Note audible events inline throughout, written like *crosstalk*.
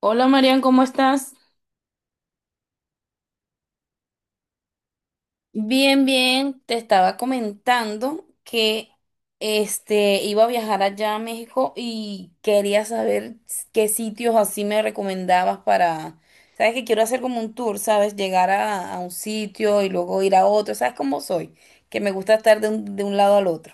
Hola Marian, ¿cómo estás? Bien, bien, te estaba comentando que iba a viajar allá a México y quería saber qué sitios así me recomendabas para, sabes que quiero hacer como un tour, sabes, llegar a un sitio y luego ir a otro, sabes cómo soy, que me gusta estar de un lado al otro.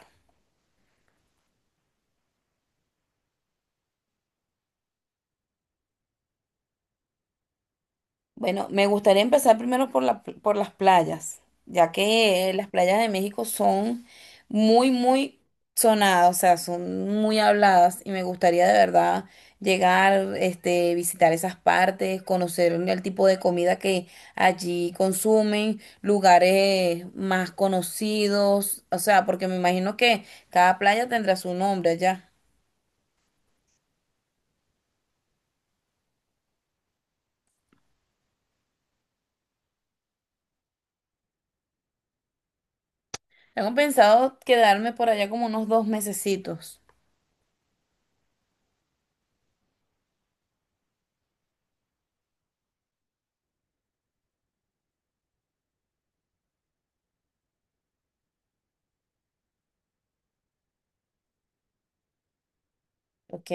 Bueno, me gustaría empezar primero por por las playas, ya que las playas de México son muy, muy sonadas, o sea, son muy habladas y me gustaría de verdad llegar, visitar esas partes, conocer el tipo de comida que allí consumen, lugares más conocidos, o sea, porque me imagino que cada playa tendrá su nombre allá. Tengo pensado quedarme por allá como unos dos mesecitos, ¿ok?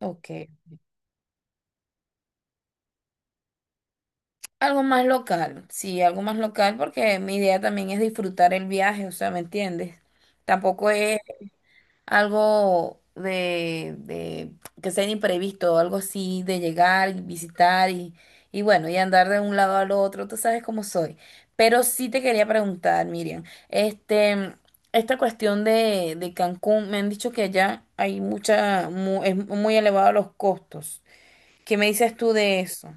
Ok. Algo más local, sí, algo más local porque mi idea también es disfrutar el viaje, o sea, ¿me entiendes? Tampoco es algo de que sea imprevisto, algo así de llegar y visitar y bueno, y andar de un lado al otro, tú sabes cómo soy. Pero sí te quería preguntar, Miriam, este, esta cuestión de Cancún, me han dicho que allá hay es muy elevado los costos. ¿Qué me dices tú de eso?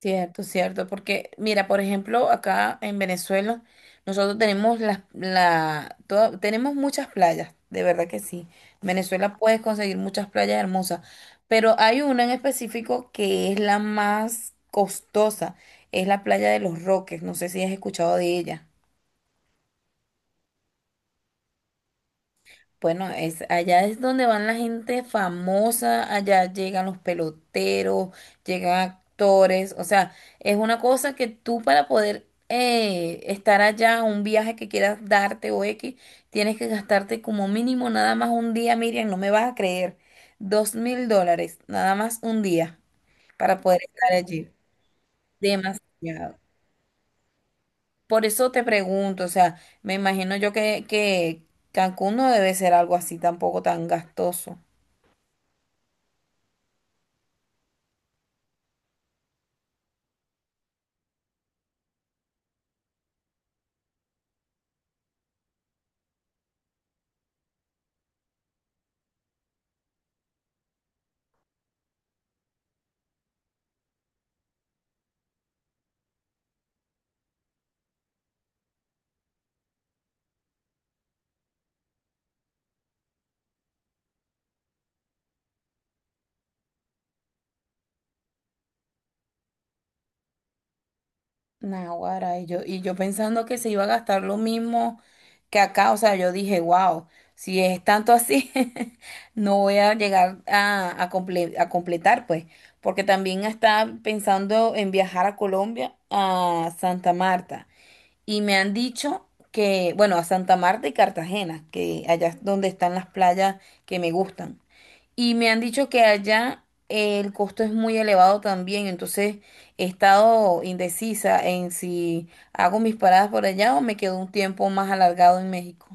Cierto, cierto, porque mira, por ejemplo, acá en Venezuela nosotros tenemos tenemos muchas playas, de verdad que sí. En Venezuela puedes conseguir muchas playas hermosas, pero hay una en específico que es la más costosa, es la playa de Los Roques, no sé si has escuchado de ella. Bueno, es, allá es donde van la gente famosa, allá llegan los peloteros, llegan actores, o sea, es una cosa que tú para poder estar allá, un viaje que quieras darte o X, tienes que gastarte como mínimo nada más un día, Miriam, no me vas a creer, $2.000, nada más un día para poder estar allí. Demasiado. Por eso te pregunto, o sea, me imagino yo que Cancún no debe ser algo así tampoco tan gastoso. Naguará, y yo pensando que se iba a gastar lo mismo que acá, o sea, yo dije, wow, si es tanto así, *laughs* no voy a llegar a completar, pues, porque también está pensando en viajar a Colombia, a Santa Marta, y me han dicho que, bueno, a Santa Marta y Cartagena, que allá es donde están las playas que me gustan. Y me han dicho que allá el costo es muy elevado también, entonces he estado indecisa en si hago mis paradas por allá o me quedo un tiempo más alargado en México.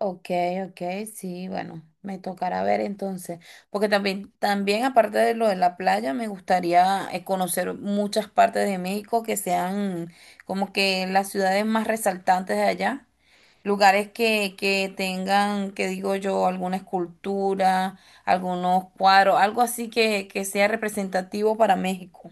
Ok, ok, sí, bueno, me tocará ver entonces, porque también, también aparte de lo de la playa, me gustaría conocer muchas partes de México que sean como que las ciudades más resaltantes de allá. Lugares que tengan, que digo yo, alguna escultura, algunos cuadros, algo así que sea representativo para México.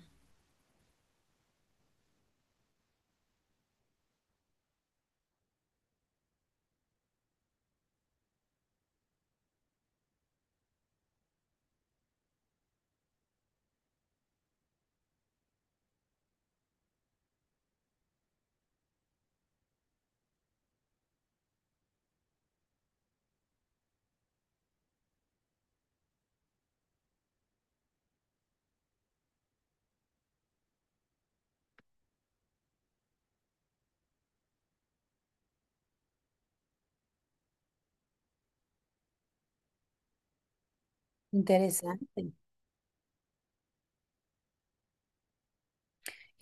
Interesante.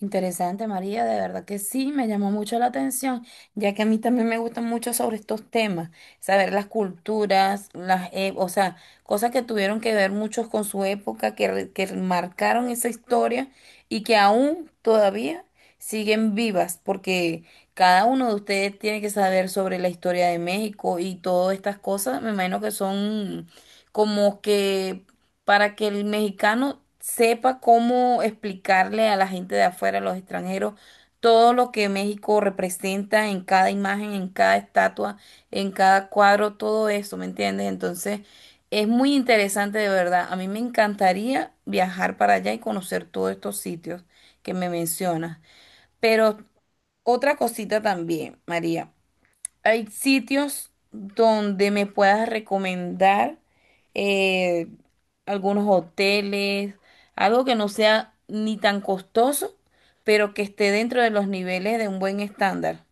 Interesante, María, de verdad que sí, me llamó mucho la atención, ya que a mí también me gustan mucho sobre estos temas, saber las culturas, o sea, cosas que tuvieron que ver muchos con su época, que marcaron esa historia y que aún todavía siguen vivas, porque cada uno de ustedes tiene que saber sobre la historia de México y todas estas cosas, me imagino que son como que para que el mexicano sepa cómo explicarle a la gente de afuera, a los extranjeros, todo lo que México representa en cada imagen, en cada estatua, en cada cuadro, todo eso, ¿me entiendes? Entonces, es muy interesante de verdad. A mí me encantaría viajar para allá y conocer todos estos sitios que me mencionas. Pero otra cosita también, María. Hay sitios donde me puedas recomendar eh, algunos hoteles, algo que no sea ni tan costoso, pero que esté dentro de los niveles de un buen estándar.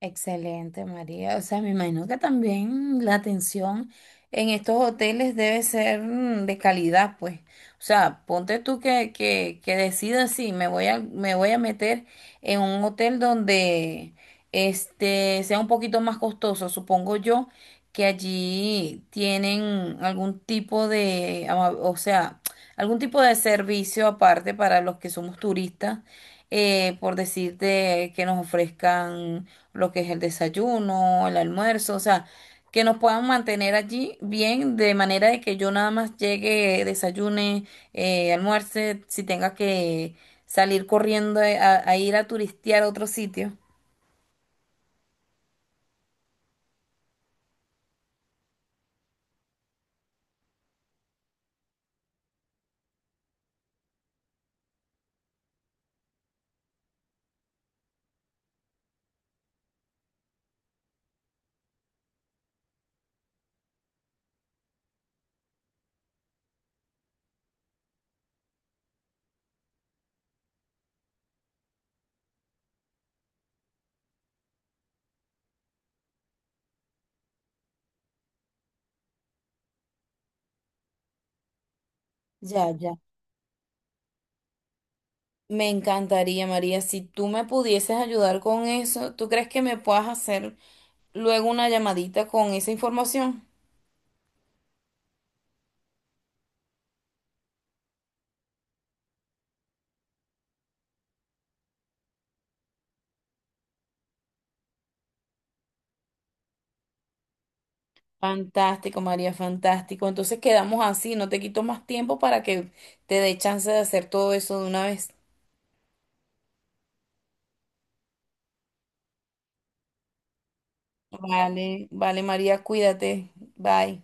Excelente, María. O sea, me imagino que también la atención en estos hoteles debe ser de calidad, pues. O sea, ponte tú que decidas si me voy a meter en un hotel donde este sea un poquito más costoso. Supongo yo que allí tienen algún tipo o sea, algún tipo de servicio aparte para los que somos turistas por decirte que nos ofrezcan lo que es el desayuno, el almuerzo, o sea, que nos puedan mantener allí bien, de manera de que yo nada más llegue, desayune, almuerce, si tenga que salir corriendo a ir a turistear a otro sitio. Ya, ya. Me encantaría, María, si tú me pudieses ayudar con eso, ¿tú crees que me puedas hacer luego una llamadita con esa información? Fantástico, María, fantástico. Entonces quedamos así, no te quito más tiempo para que te dé chance de hacer todo eso de una vez. Vale, vale, María, cuídate. Bye.